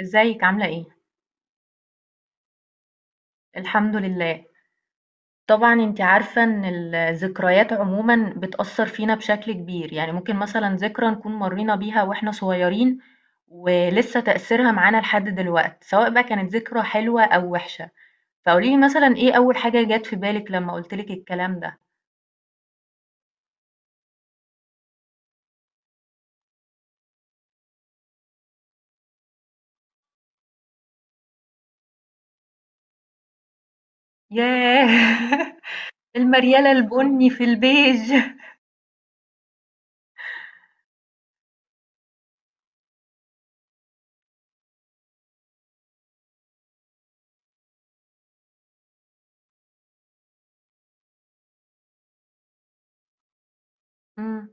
ازيك عاملة ايه؟ الحمد لله. طبعا انت عارفة ان الذكريات عموما بتأثر فينا بشكل كبير، يعني ممكن مثلا ذكرى نكون مرينا بيها واحنا صغيرين ولسه تأثيرها معانا لحد دلوقت، سواء بقى كانت ذكرى حلوة او وحشة. فقوليلي مثلا ايه اول حاجة جت في بالك لما قلتلك الكلام ده؟ ياه المريالة البني في البيج مم.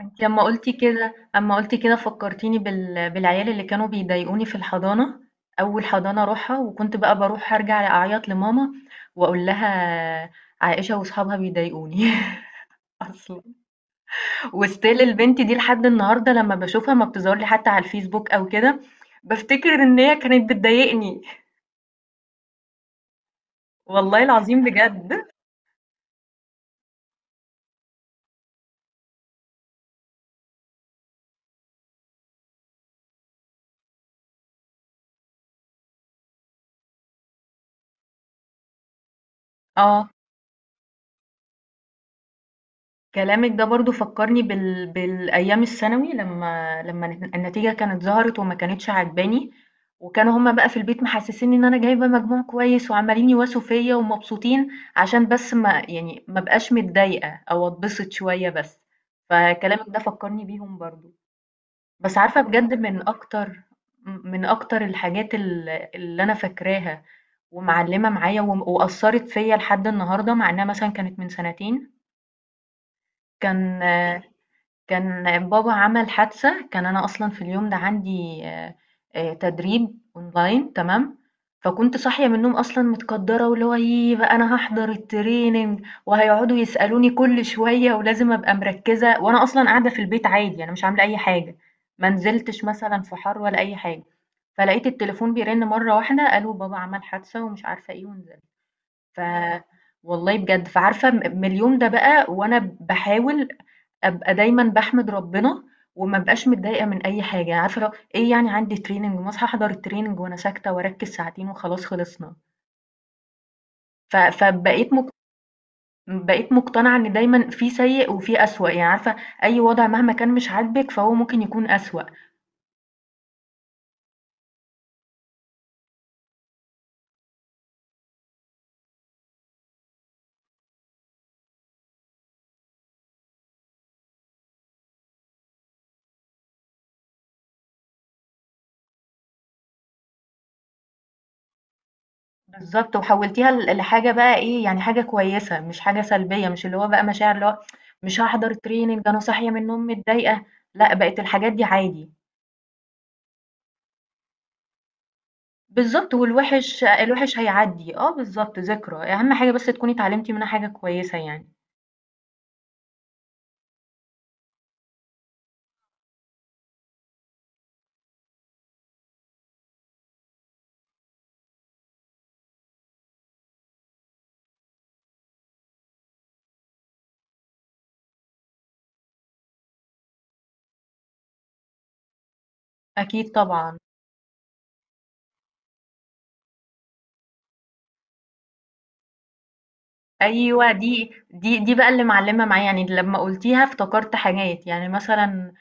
أنتِ أمّا قُلتِ كده فكّرتيني بالعيال اللي كانوا بيضايقوني في الحضانة، أول حضانة أروحها، وكنت بقى باروح أرجع أعيّط لماما وأقول لها عائشة وأصحابها بيضايقوني أصلًا، وstill البنت دي لحد النهارده لمّا باشوفها ما بتظهر لي حتى على الفيسبوك أو كده، بافتكر إن هي كانت بتضايقني، والله العظيم بجد. آه. كلامك ده برضو فكرني بالأيام الثانوي، لما النتيجة كانت ظهرت وما كانتش عجباني، وكانوا هما بقى في البيت محسسين ان انا جايبة مجموع كويس، وعمالين يواسوا فيا ومبسوطين عشان بس ما يعني ما بقاش متضايقة او اتبسط شوية بس. فكلامك ده فكرني بيهم برضو. بس عارفة بجد، من اكتر، الحاجات اللي انا فاكراها ومعلمة معايا وأثرت فيا لحد النهاردة، مع انها مثلا كانت من سنتين. كان كان بابا عمل حادثة، كان أنا أصلًا في اليوم ده عندي تدريب أونلاين، تمام؟ فكنت صاحية من النوم أصلًا متكدرة، واللي هو ييه بقى أنا هاحضر الtraining وهيقعدوا يسألوني كل شوية ولازم أبقى مركزة، وأنا أصلًا قاعدة في البيت عادي، أنا مش عاملة أي حاجة، ما نزلتش مثلًا في حر ولا أي حاجة. فلقيت التليفون بيرن مرة واحدة، قالوا بابا عمل حادثة ومش عارفة إيه ونزل. ف والله بجد. فعارفة، من اليوم ده بقى وأنا باحاول أبقى دايمًا باحمد ربنا وما ابقاش متضايقة من أي حاجة. عارفة اللي هو إيه؟ يعني عندي training، ما أصحى أحضر الtraining وأنا ساكتة وأركّز ساعتين وخلاص خلصنا. ف فبقيت مق بقيت مقتنعة إن دايمًا في سيء وفي أسوأ، يعني عارفة، أي وضع مهما كان مش عاجبِك فهو ممكن يكون أسوأ. بالضبط، وحوّلتيها لحاجة بقى إيه، يعني حاجة كويسة مش حاجة سلبية، مش اللي هو بقى مشاعر اللي هو مش هاحضر training أنا صاحية من النوم متضايقة، لأ، بقت الحاجات دي عادي. بالضبط، والوِحِش هيعدّي، آه بالضبط، ذكرى، أهم حاجة بس تكوني اتعلمتِ منها حاجة كويسة يعني. أكيد طبعًا. أيوه، دي بقى اللي معلّمة معايا، يعني لمّا قُلتيها افتكرت حاجات، يعني مثلًا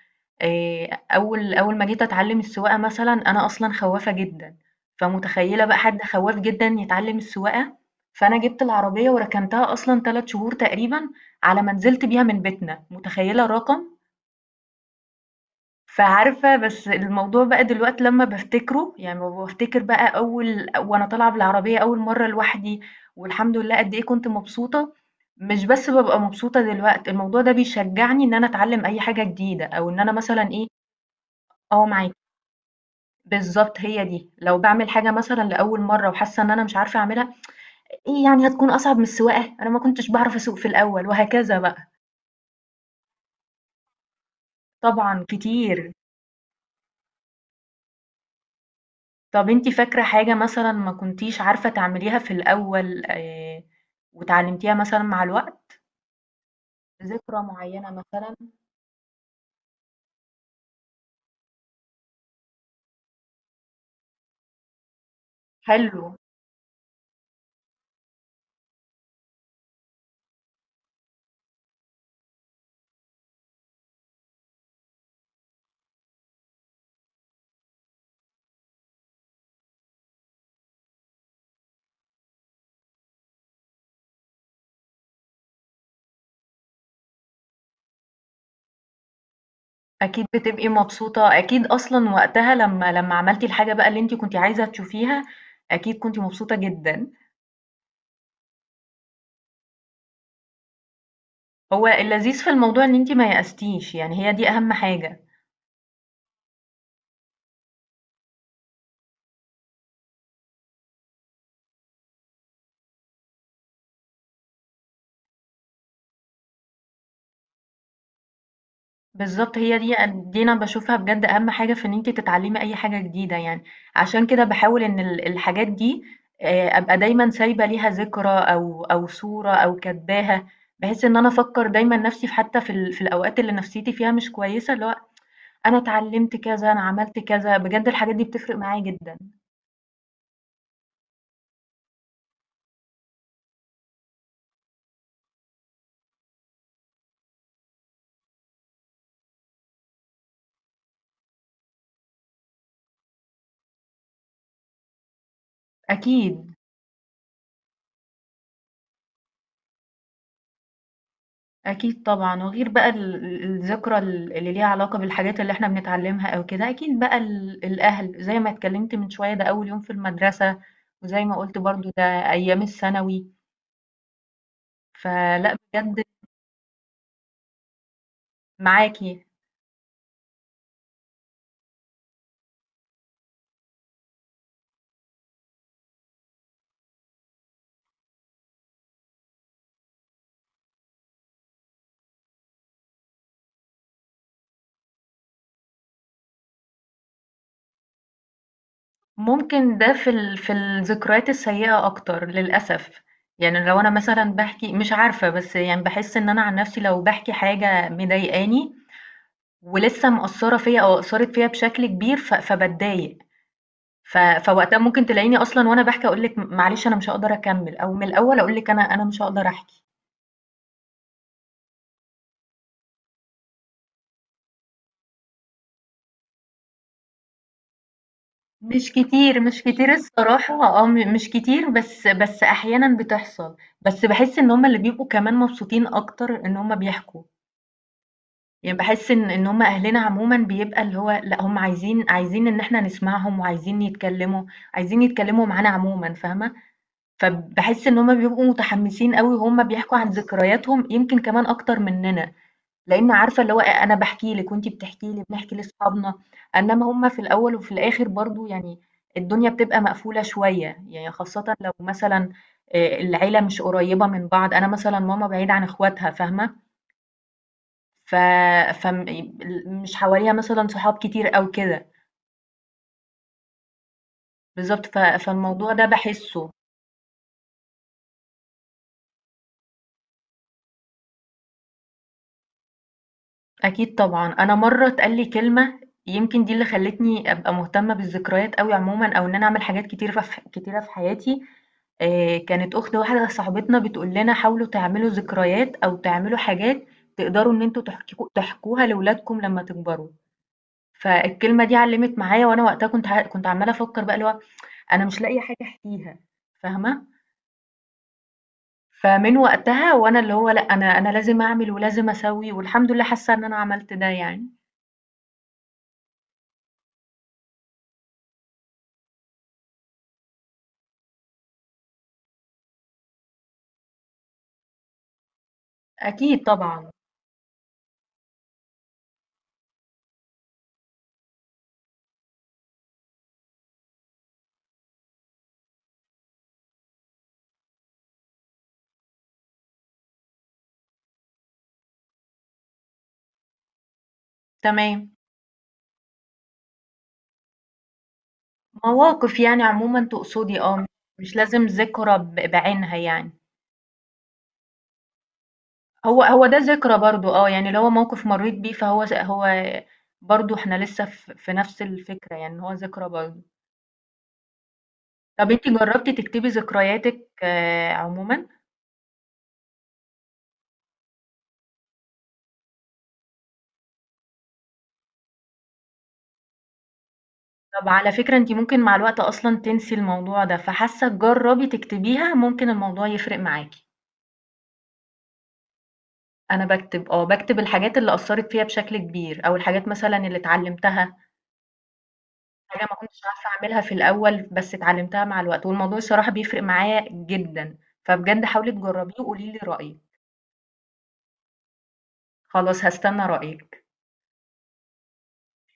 أول ما جيت أتعلّم السواقة مثلًا، أنا أصلًا خوّافة جدًا، فمتخيّلة بقى حد خواّاف جدًا يتعلّم السواقة. فأنا جِبت العربية وركنتها أصلًا 3 شهور تقريبًا على ما نزلت بيها من بيتنا، متخيّلة الرقم؟ فعارفة، بس الموضوع بقى دلوقتي لمّا بافتكره، يعني لمّا بافتكر بقى أول وأنا طالعة بالعربية أول مرّة لوحدي، والحمد لله قد إيه كنت مبسوطة. مش بس بابقى مبسوطة دلوقتي، الموضوع ده بيشجّعني إن أنا أتعلّم أي حاجة جديدة، أو إن أنا مثلًا إيه. آه معاكِ. بالضبط هي دي. لو باعمل حاجة مثلًا لأول مرّة وحاسة إن أنا مش عارفة أعملها، إيه يعني هتكون أصعب من السواقة؟ أنا ما كنتش باعرف أسوق في الأول وهكذا بقى. طبعًا كتير. طب أنتِ فاكرة حاجة مثلًا ما كنتيش عارفة تعمليها في الأول واتعلمتيها مثلًا مع الوقت؟ ذكرى معينة مثلًا؟ حلو. أكيد بتبقي مبسوطة، أكيد أصلًا وقتها لمّا عملتِ الحاجة بقى اللي أنتِ كنتِ عايزة تشوفيها، أكيد كنتِ مبسوطة جدًا. هو اللذيذ في الموضوع إن أنتِ ما يأستيش، يعني هي دي أهم حاجة. بالضبط هي دي. أن دي أنا باشوفها بجد أهم حاجة في إن أنتِ تتعلمي أي حاجة جديدة يعني. عشان كده باحاول إن الحاجات دي أبقى دايمًا سايبة ليها ذكرى أو أو صورة أو كاتباها، بحيث إن أنا أفكّر دايمًا نفسي في، حتى في الأوقات اللي نفسيتي فيها مش كويسة، اللي هو أنا اتعلمت كذا، أنا عملت كذا. بجد الحاجات دي بتفرق معايا جدًا. أكيد. أكيد طبعًا، وغير بقى ال ال الذكرى اللي ليها علاقة بالحاجات اللي إحنا بنتعلمها أو كده، أكيد بقى الأهل زي ما اتكلمت من شوية، ده أول يوم في المدرسة، وزي ما قُلت برضه ده أيام الثانوي. فلأ بجد معاكِ. ممكن ده في الذكريات السيئة أكتر للأسف، يعني لو أنا مثلًا باحكي، مش عارفة، بس يعني باحس إن أنا عن نفسي لو باحكي حاجة مضايقاني ولسه مأثّرة فيّا أو أثّرت فيّا بشكل كبير، فباتضايق. ف فوقتها ممكن تلاقيني أصلًا وأنا باحكي أقول لِك معلش أنا مش هاقدر أكمّل، أو من الأول أقول لِك أنا مش هاقدر أحكي. مش كتير، مش كتير الصراحة، آه، مش كتير، بس أحيانًا بتحصل، بس باحس إن هُم اللي بيبقوا كمان مبسوطين أكتر إن هُم بيحكوا، يعني باحس إن هُم أهلنا عمومًا، بيبقى اللي هو لأ هُم عايزين، إن إحنا نسمعهم، وعايزين يتكلّموا، عايزين يتكلّموا معانا عمومًا، فاهمة؟ فباحس إن هُم بيبقوا متحمّسين أوي وهُم بيحكوا عن ذكرياتهم، يمكن كمان أكتر مننا. لإن عارفة اللي هو، أنا باحكي لِك وأنتِ بتحكي لي، بنحكي لأصحابنا، إنّما هُم في الأول وفي الآخر برضه يعني الدنيا بتبقى مقفولة شوية، يعني خاصةً لو مثلًا العيلة مش قريّبة من بعض، أنا مثلًا ماما بعيدة عن إخواتها، فاهمة؟ ف فم ال مش حواليها مثلًا صحاب كتير أو كده. بالضبط، فالموضوع ده باحسّه. أكيد طبعًا. أنا مرّة اتقال لي كلمة، يمكن دي اللي خلّتني أبقى مهتمة بالذكريات أوي عمومًا، أو إن أنا أعمل حاجات كتيرة في ح كتيرة في حياتي. كانت أخت واحدة صاحبتنا بتقول لنا حاولوا تعملوا ذكريات أو تعملوا حاجات تقدروا إن أنتم تحككوا تحكوها لولادكم لمّا تكبروا. فالكلمة دي علّمت معايا، وأنا وقتها كنت عمّالة أفكّر بقى اللي هو أنا مش لاقية حاجة أحكيها، فاهمة؟ فمن وقتها وأنا اللي هو لأ، أنا لازم أعمل ولازم أسوّي، والحمد لله حاسة إن أنا عملت ده يعني. أكيد طبعًا. تمام. مواقف يعني عمومًا تقصدي، آه، مش لازم ذكرى بعينها يعني. هو ده ذكرى برضه، آه، يعني اللي هو موقف مرّيت بيه، فهو س هو برضه إحنا لسه في نفس الفكرة، يعني إن هو ذكرى برضه. طب أنتِ جرّبتِ تكتبي ذكرياتِك عمومًا؟ طب على فكرة أنتِ ممكن مع الوقت أصلًا تنسي الموضوع ده، فحاسة جرّبي تكتبيها، ممكن الموضوع يفرق معاكِ. أنا باكتب، آه، باكتب الحاجات اللي أثّرت فيّا بشكل كبير، أو الحاجات مثلًا اللي اتعلمتها. حاجة ما كنتش عارفة أعملها في الأول، بس اتعلمتها مع الوقت، والموضوع الصراحة بيفرق معايا جدًا، فبجد حاولي تجربيه وقولي لي رأيِك. خلاص هاستنى رأيِك.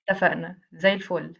اتفقنا، زي الفل.